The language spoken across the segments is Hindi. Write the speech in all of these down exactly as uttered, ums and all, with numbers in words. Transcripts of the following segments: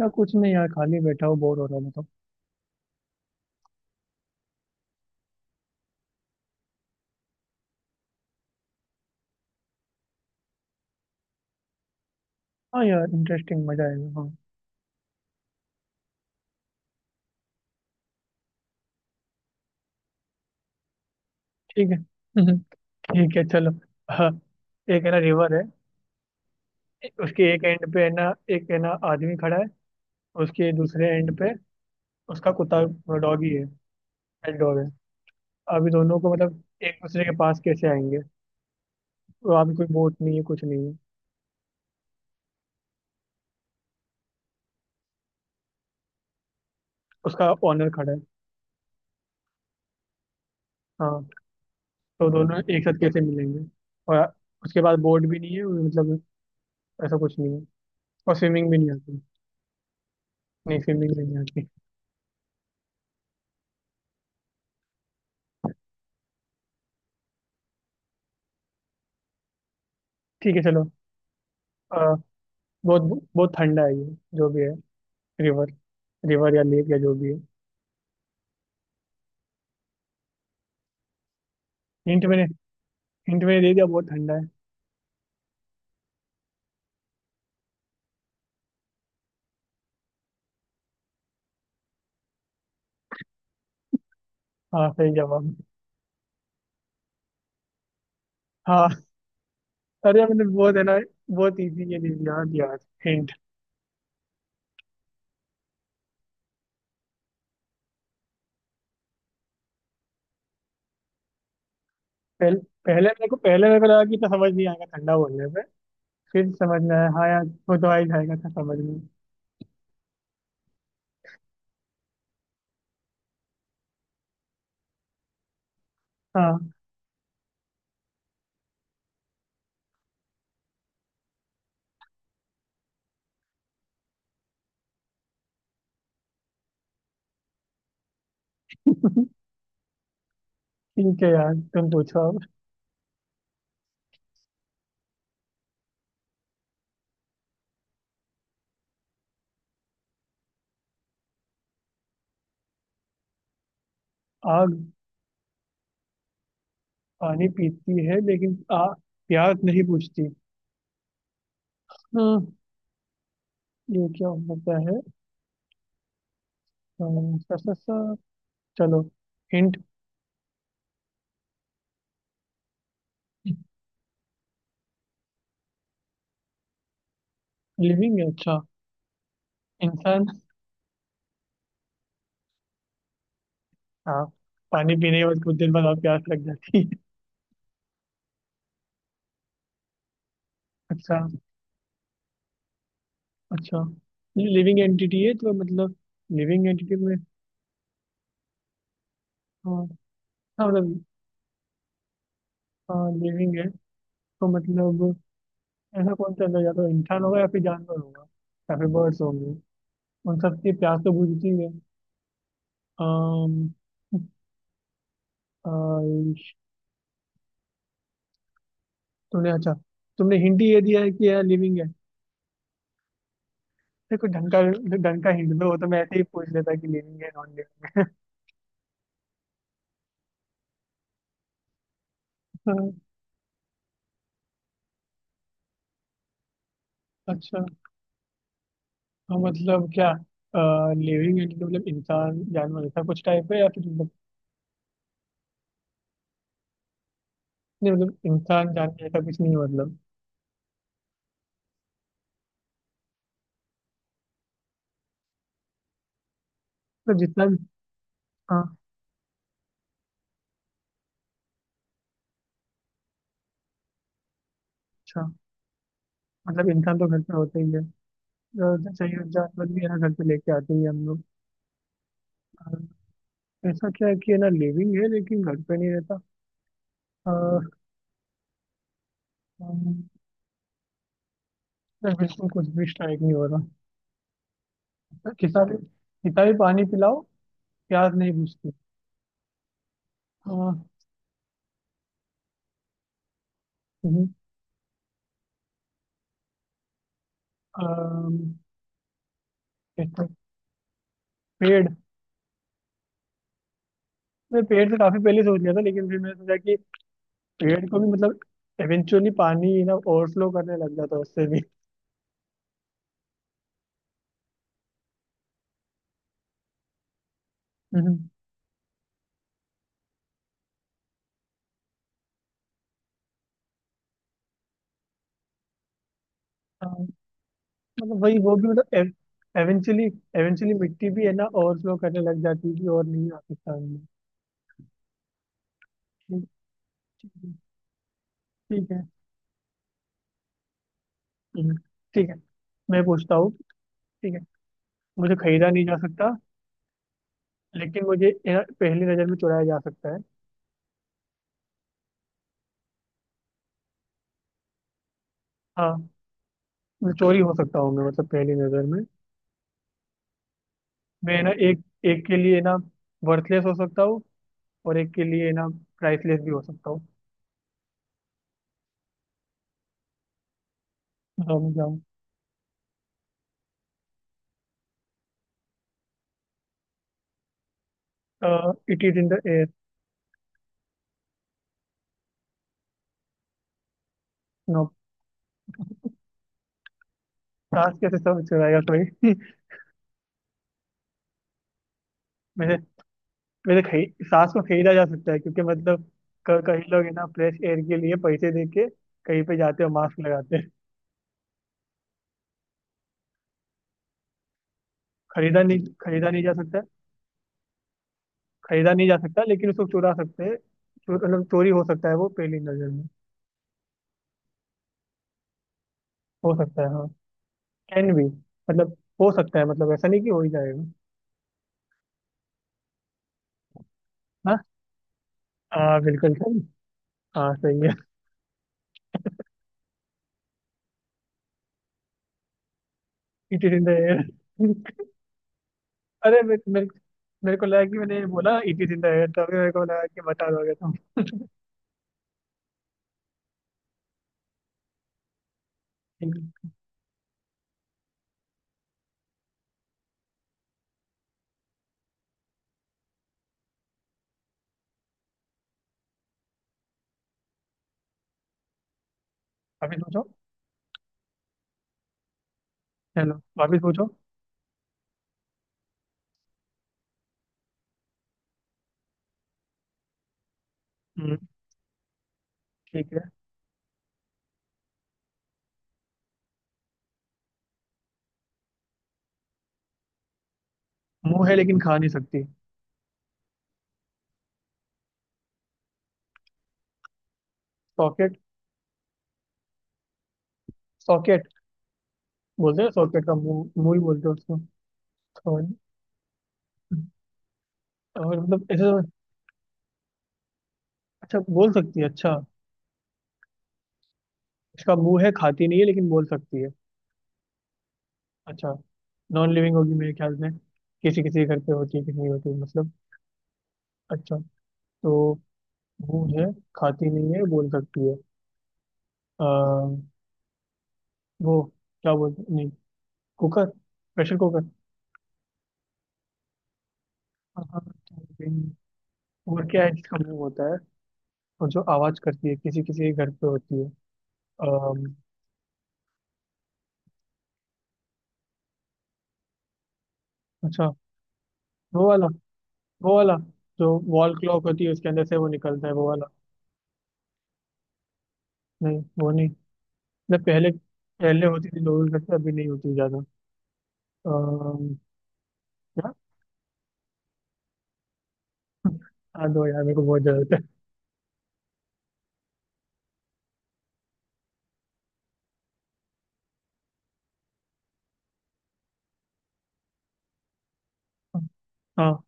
या कुछ नहीं यार, खाली बैठा हूँ, बोर हो रहा हूँ तो। हाँ यार, इंटरेस्टिंग, मजा आएगा। हाँ। ठीक है। हम्म, ठीक है, चलो। हाँ। एक है ना, रिवर है। उसके एक एंड पे है ना, एक है ना, आदमी खड़ा है। उसके दूसरे एंड पे उसका कुत्ता। डॉगी है। पेट डॉग है। अभी दोनों को मतलब एक दूसरे के पास कैसे आएंगे? तो अभी कोई बोट नहीं है, कुछ नहीं है। उसका ओनर खड़ा है। हाँ। तो दोनों एक साथ कैसे मिलेंगे? और उसके पास बोट भी नहीं है मतलब, ऐसा कुछ नहीं है। और स्विमिंग भी नहीं आती। नहीं, स्विमिंग भी नहीं आती। ठीक है, चलो। आ, बहुत बहुत ठंडा है ये, जो भी है। रिवर रिवर या लेक या जो भी है। हिंट मैंने हिंट मैंने दे दिया, बहुत ठंडा है। हाँ, सही जवाब। हाँ। अरे मैंने बहुत है ना, बहुत इजी ये दे दिया, यार। हिंट। पहले पहले मेरे को पहले मेरे को लगा कि तो समझ नहीं आएगा, ठंडा बोलने पे। फिर समझ में आया, हाँ यार वो तो आ ही जाएगा था समझ में। हाँ। ठीक है यार, तुम पूछो अब। आग। पानी पीती है लेकिन आ प्यास नहीं बुझती। हम्म। ये क्या हो सकता है? अम, सा, सा, सा। चलो, हिंट। लिविंग है, अच्छा। इंसान। हाँ। पानी पीने के बाद कुछ देर बाद और प्यास लग जाती है। अच्छा, अच्छा। लिविंग एंटिटी है तो मतलब, लिविंग एंटिटी में। हाँ। हाँ, मतलब हाँ, लिविंग है। तो मतलब ऐसा कौन सा अंदर जाता है, इंसान होगा या फिर जानवर होगा, या फिर बर्ड्स होंगे? उन सब की प्यास तो बुझती है। अम, अम, तुमने अच्छा, तुमने हिंट ही ये दिया है कि यह लिविंग है। देखो, ढंग का, ढंग का हिंट दो, वो तो मैं ऐसे ही पूछ लेता कि लिविंग है नॉन लिविंग। अच्छा। हाँ, मतलब क्या, लिविंग एंड मतलब इंसान जानवर ऐसा कुछ टाइप है, या फिर मतलब? नहीं, मतलब इंसान जानवर ऐसा कुछ नहीं है मतलब। मतलब जितना भी। हाँ। अच्छा, मतलब इंसान तो घर पे होता ही है। अ, जैसे ये जानवर भी है ना, घर पे लेके आते ही हैं हम लोग। अ, ऐसा क्या है कि है ना लिविंग है लेकिन घर पे नहीं रहता? अ, हम- यार, बिल्कुल कुछ भी स्ट्राइक नहीं हो रहा। कितना भी कितना भी पानी पिलाओ, प्यास नहीं बुझती। हाँ। हम्म, अम, एक तो पेड़। मैं पेड़ तो काफी पहले सोच लिया था, लेकिन फिर मैंने सोचा कि पेड़ को भी मतलब इवेंचुअली पानी ना ओवरफ्लो करने लग जाता है उससे भी। हम्म, हाँ, मतलब वही, वो भी मतलब एवेंचुअली। एवेंचुअली मिट्टी भी है ना ओवरफ्लो करने लग जाती थी, और नहीं पाकिस्तान में। ठीक है। ठीक है। हम्म, ठीक है, मैं पूछता हूँ। ठीक है। मुझे खरीदा नहीं जा सकता, लेकिन मुझे ये ना पहली नजर में चुराया जा सकता है। हाँ। मैं चोरी हो सकता हूँ, मैं मतलब पहली नजर में। मैं है ना, एक, एक के लिए ना वर्थलेस हो सकता हूँ, और एक के लिए ना प्राइसलेस भी हो सकता हूँ। बताओ मैं क्या हूँ। It is in the air. No. सांस कैसे समझ चलाएगा कोई। वैसे, वैसे खरी, सांस को खरीदा जा सकता है, क्योंकि मतलब क- कई लोग है ना फ्रेश एयर के लिए पैसे दे के कहीं पे जाते हैं, मास्क लगाते हैं। खरीदा नहीं खरीदा नहीं जा सकता। खरीदा नहीं जा सकता, लेकिन उसको चुरा सकते हैं, चो- मतलब चोरी हो सकता है वो पहली नजर में। हो सकता है, हाँ। कैन भी मतलब हो सकता है, मतलब ऐसा नहीं कि हो ही जाएगा। हाँ। हाँ, बिल्कुल सही। हाँ, सही है। It is in the air. अरे मे- मेरे, मेरे को लगा कि मैंने ये बोला it is in the air, तभी मेरे को लगा कि बता दोगे तुम। ठीक है, वापिस पूछो। चलो वापिस पूछो। हम्म, ठीक है। मुंह है लेकिन खा नहीं सकती। सॉकेट। सॉकेट। बोलते हैं सॉकेट का मुंह, मुंह ही बोलते हैं उसको। और और मतलब ऐसे तो, अच्छा बोल सकती है, अच्छा। इसका मुंह है, खाती नहीं है लेकिन बोल सकती है। अच्छा। नॉन लिविंग होगी मेरे ख्याल में। किसी किसी के घर पे होती है, किसी नहीं होती मतलब। अच्छा। तो मुंह है, खाती नहीं है, बोल सकती है। वो, क्या बोलते नहीं, कुकर। Pressure cooker. हाँ, हाँ, और क्या है, इसका मुंह होता है, और जो आवाज करती है, किसी किसी के घर पे होती है। अम, अच्छा। वो वाला, वो वाला जो वॉल क्लॉक होती है उसके अंदर से वो निकलता है, वो वाला। नहीं, वो नहीं। मतलब पहले, पहले होती थी लोगों के घर पे, अभी नहीं होती ज्यादा। अम, क्या। हाँ दो यार, मेरे को बहुत जरूरत है। हाँ,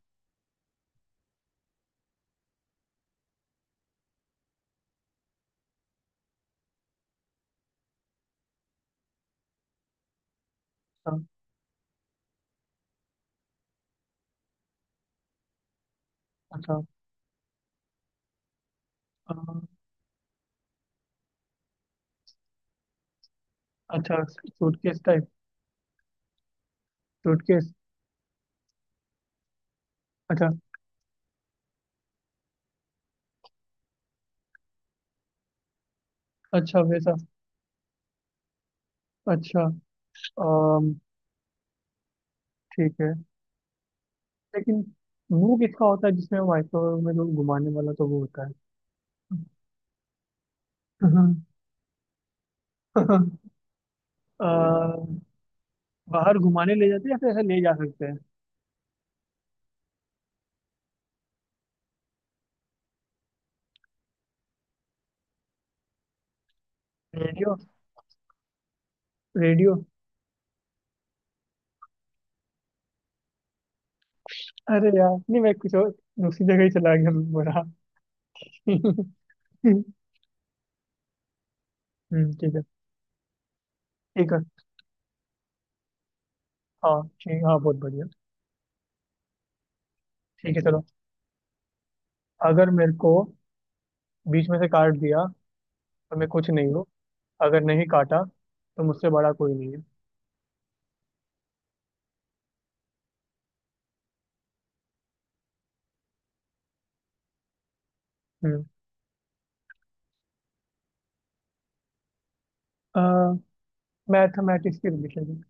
हाँ। अच्छा। अम, अच्छा सूटकेस टाइप। सूटकेस। अच्छा। अच्छा वैसा। अच्छा। ठीक है। लेकिन वो किसका होता है जिसमें माइक्रोवेव में लोग घुमाने वाला तो वो होता है? अ, बाहर घुमाने ले जाते हैं या फिर ऐसे ले जा सकते हैं? रेडियो। रेडियो। अरे यार, नहीं मैं कुछ और, दूसरी जगह ही चला गया, मैं बोला। हम्म, ठीक है। ठीक है। हाँ ठीक, हाँ बहुत बढ़िया। ठीक है, चलो। अगर मेरे को बीच में से काट दिया तो मैं कुछ नहीं हूँ, अगर नहीं काटा तो मुझसे बड़ा कोई नहीं है। हम्म। मैथमेटिक्स की रिलेशन।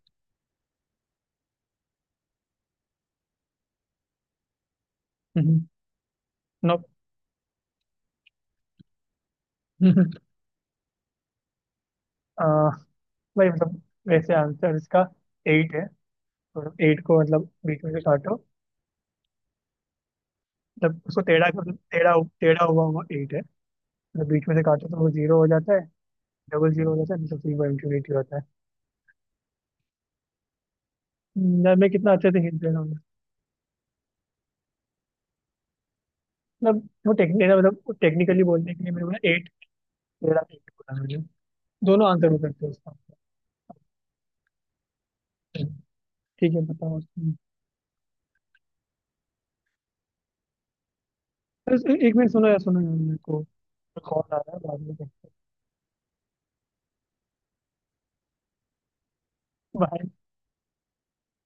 नो। भाई मतलब, वैसे आंसर इसका एट है, और एट को मतलब बीच में से काटो, मतलब उसको टेढ़ा कर, टेढ़ा। टेढ़ा हुआ हुआ एट है। मतलब बीच में से काटो तो वो जीरो हो जाता है, डबल जीरो हो जाता है, मतलब फिर इंफिनिटी होता है। न, मैं कितना अच्छे से हिंट दे रहा हूँ। मतलब वो टेक्निक मतलब टेक्निकली बोलने के लिए मैंने बोला एट, टेढ़ा एट बोला मैंने। दोनों आंसर हो सकते हैं उसका। ठीक है, बताओ। हम्म, बस ए- एक मिनट, सुनो यार सुनो यार, मेरे को कॉल आ रहा है, बाद में करते हैं। Bye.